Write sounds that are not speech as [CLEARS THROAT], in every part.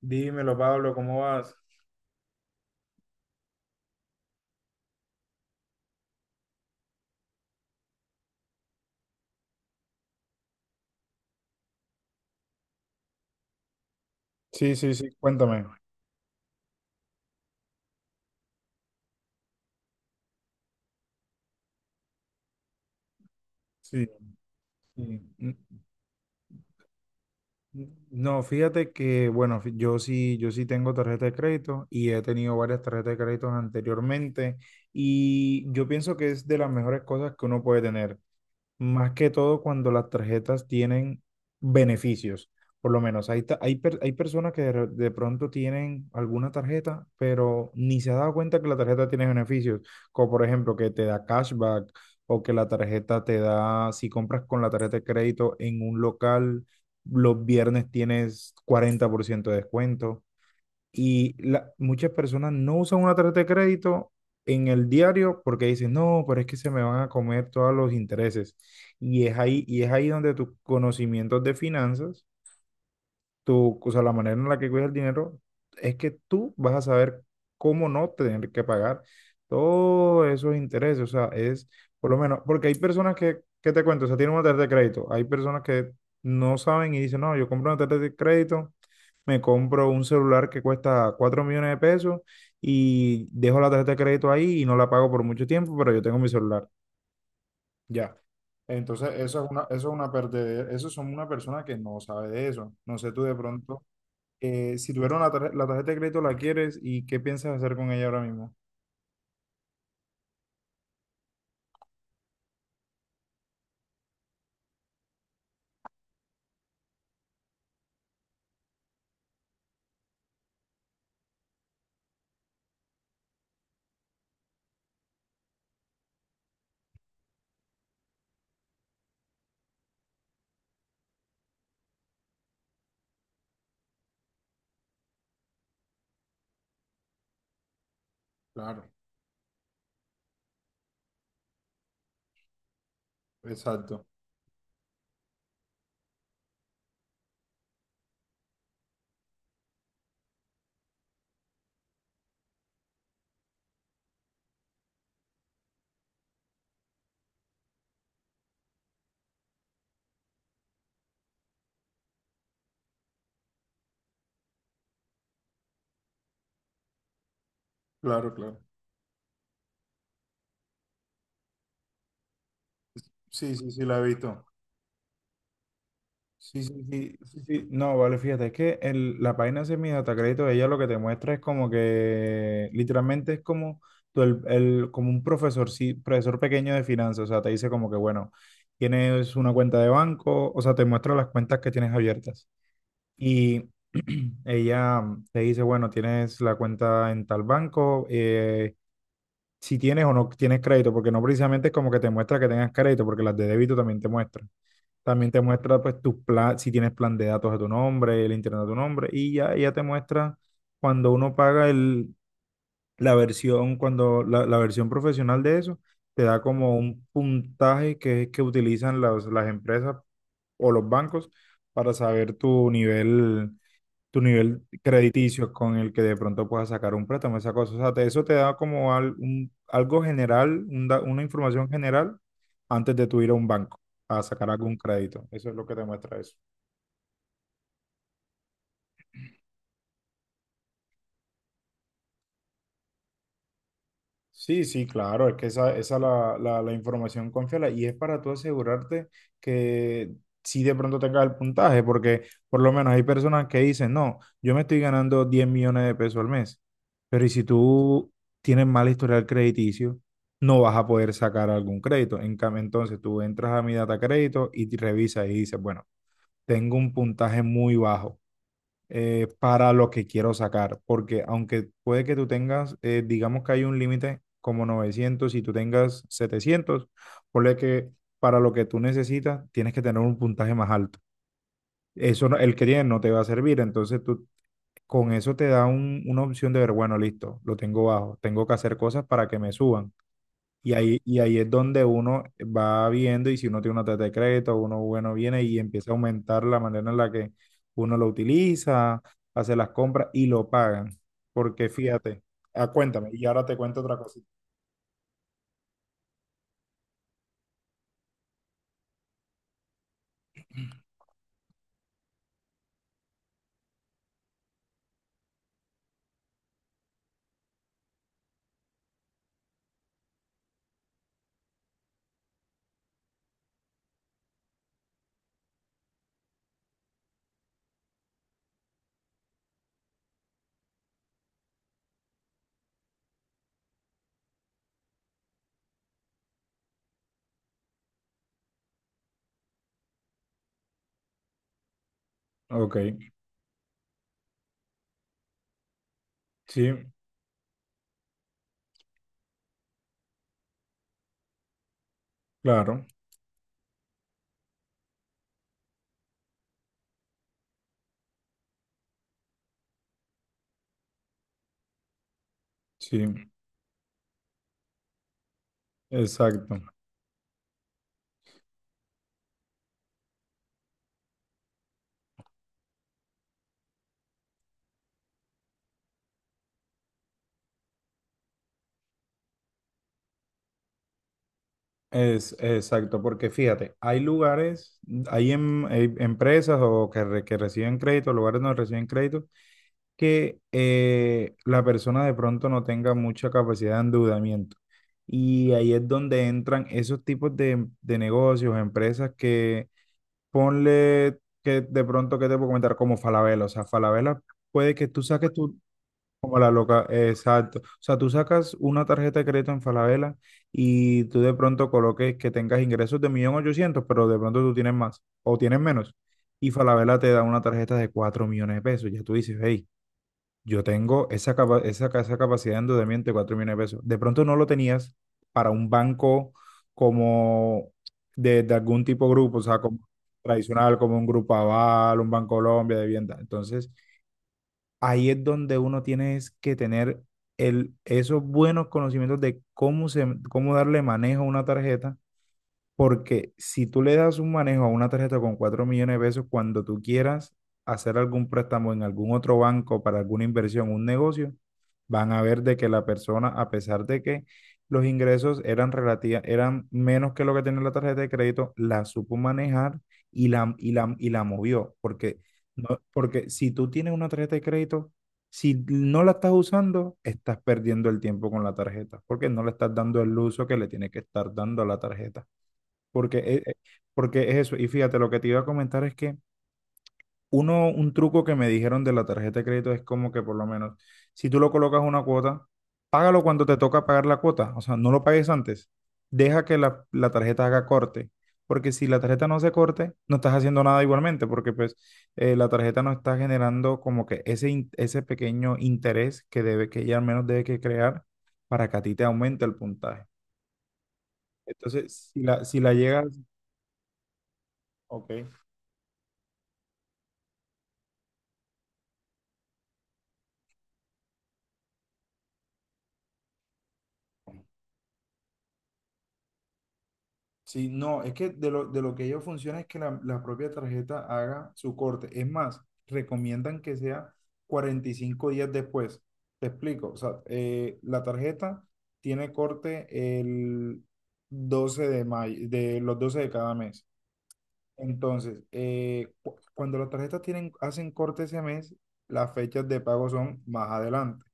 Dímelo, Pablo, ¿cómo vas? Sí, sí, sí, cuéntame. Sí. Sí. No, fíjate que, bueno, yo sí tengo tarjeta de crédito y he tenido varias tarjetas de crédito anteriormente y yo pienso que es de las mejores cosas que uno puede tener. Más que todo cuando las tarjetas tienen beneficios. Por lo menos hay personas que de pronto tienen alguna tarjeta, pero ni se ha dado cuenta que la tarjeta tiene beneficios, como por ejemplo que te da cashback o que la tarjeta te da, si compras con la tarjeta de crédito en un local, los viernes tienes 40% de descuento. Y muchas personas no usan una tarjeta de crédito en el diario porque dicen, no, pero es que se me van a comer todos los intereses. Y es ahí donde tus conocimientos de finanzas, o sea, la manera en la que cuidas el dinero, es que tú vas a saber cómo no tener que pagar todos esos intereses. O sea, es por lo menos, porque hay personas que, ¿qué te cuento? O sea, tienen una tarjeta de crédito, hay personas que no saben y dicen, no, yo compro una tarjeta de crédito, me compro un celular que cuesta 4 millones de pesos y dejo la tarjeta de crédito ahí y no la pago por mucho tiempo, pero yo tengo mi celular, ya. Entonces, eso es una perdedera, eso son una persona que no sabe de eso. No sé tú de pronto, si tuviera una la tarjeta de crédito, ¿la quieres y qué piensas hacer con ella ahora mismo? Claro, exacto. Claro, claro. Sí, sí, sí, la he visto. Sí, sí, sí, sí, sí. No, vale, fíjate, es que la página de mi data crédito, ella lo que te muestra es como que literalmente es como como un profesor, sí, profesor pequeño de finanzas. O sea, te dice como que, bueno, tienes una cuenta de banco, o sea, te muestra las cuentas que tienes abiertas. Y [CLEARS THROAT] ella te dice, bueno, tienes la cuenta en tal banco, si tienes o no tienes crédito, porque no precisamente es como que te muestra que tengas crédito, porque las de débito también te muestran. También te muestra pues si tienes plan de datos a tu nombre, el internet a tu nombre, y ya te muestra cuando uno paga el, la versión, cuando la versión profesional de eso, te da como un puntaje que es que utilizan las empresas o los bancos para saber tu nivel, tu nivel crediticio con el que de pronto puedas sacar un préstamo, esa cosa. O sea, eso te da como algo general, una información general antes de tú ir a un banco a sacar algún crédito. Eso es lo que te muestra eso. Sí, sí, claro, es que esa la información confiable y es para tú asegurarte que si de pronto tengas el puntaje. Porque por lo menos hay personas que dicen, no, yo me estoy ganando 10 millones de pesos al mes. Pero ¿y si tú tienes mal historial crediticio, no vas a poder sacar algún crédito? En cambio, entonces tú entras a mi data crédito y te revisas y dices, bueno, tengo un puntaje muy bajo, para lo que quiero sacar, porque aunque puede que tú tengas, digamos que hay un límite como 900, y tú tengas 700, ponle que para lo que tú necesitas tienes que tener un puntaje más alto. Eso el que tienes no te va a servir, entonces tú con eso te da una opción de ver, bueno, listo, lo tengo bajo, tengo que hacer cosas para que me suban. Y ahí es donde uno va viendo y si uno tiene una tarjeta de crédito, uno bueno viene y empieza a aumentar la manera en la que uno lo utiliza, hace las compras y lo pagan. Porque fíjate, ah, cuéntame, y ahora te cuento otra cosita. Ok, sí, claro, sí, exacto. Es exacto, porque fíjate, hay lugares, hay empresas que reciben crédito, lugares donde reciben crédito, que la persona de pronto no tenga mucha capacidad de endeudamiento. Y ahí es donde entran esos tipos de negocios, empresas que ponle que de pronto, ¿qué te puedo comentar? Como Falabella. O sea, Falabella puede que tú saques como la loca, exacto. O sea, tú sacas una tarjeta de crédito en Falabella y tú de pronto coloques que tengas ingresos de 1.800.000, pero de pronto tú tienes más o tienes menos. Y Falabella te da una tarjeta de 4 millones de pesos. Ya tú dices, hey, yo tengo esa, esa capacidad de endeudamiento de 4 millones de pesos. De pronto no lo tenías para un banco como de algún tipo de grupo, o sea, como tradicional, como un Grupo Aval, un Banco Colombia, de vivienda. Entonces, ahí es donde uno tiene es que tener esos buenos conocimientos de cómo darle manejo a una tarjeta porque si tú le das un manejo a una tarjeta con 4 millones de pesos, cuando tú quieras hacer algún préstamo en algún otro banco para alguna inversión, un negocio, van a ver de que la persona, a pesar de que los ingresos eran eran menos que lo que tenía la tarjeta de crédito, la supo manejar y la movió. Porque, no, porque si tú tienes una tarjeta de crédito, si no la estás usando, estás perdiendo el tiempo con la tarjeta, porque no le estás dando el uso que le tienes que estar dando a la tarjeta. Porque, eh, eh, porque es eso. Y fíjate, lo que te iba a comentar es que uno, un truco que me dijeron de la tarjeta de crédito es como que por lo menos, si tú lo colocas una cuota, págalo cuando te toca pagar la cuota. O sea, no lo pagues antes. Deja que la tarjeta haga corte. Porque si la tarjeta no se corte, no estás haciendo nada igualmente, porque pues la tarjeta no está generando como que ese pequeño interés que debe, que ella al menos debe que crear para que a ti te aumente el puntaje. Entonces, si la llegas, ok. Sí, no, es que de lo que ellos funciona es que la propia tarjeta haga su corte. Es más, recomiendan que sea 45 días después. Te explico. O sea, la tarjeta tiene corte el 12 de mayo, de los 12 de cada mes. Entonces, cuando las tarjetas tienen, hacen corte ese mes, las fechas de pago son más adelante.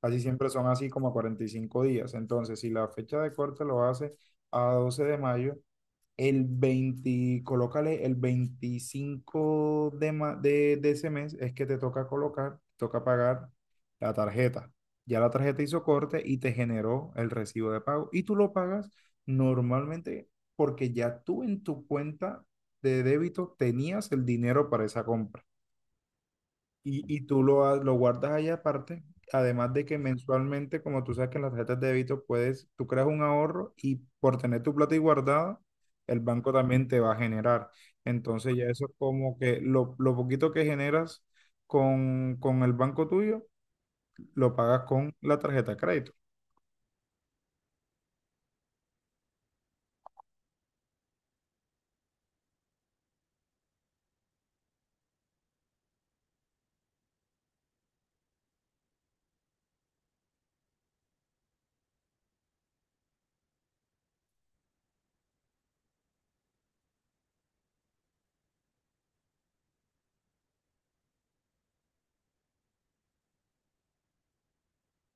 Casi siempre son así como a 45 días. Entonces, si la fecha de corte lo hace a 12 de mayo, el 20, colócale el 25 de ese mes es que te toca colocar, toca pagar la tarjeta. Ya la tarjeta hizo corte y te generó el recibo de pago y tú lo pagas normalmente porque ya tú en tu cuenta de débito tenías el dinero para esa compra. Y tú lo, lo guardas ahí aparte, además de que mensualmente, como tú sabes que en las tarjetas de débito puedes, tú creas un ahorro y por tener tu plata ahí guardada, el banco también te va a generar. Entonces ya eso es como que lo poquito que generas con el banco tuyo, lo pagas con la tarjeta de crédito.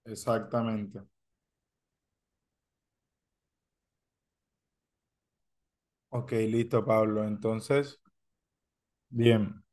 Exactamente. Ok, listo, Pablo. Entonces, bien.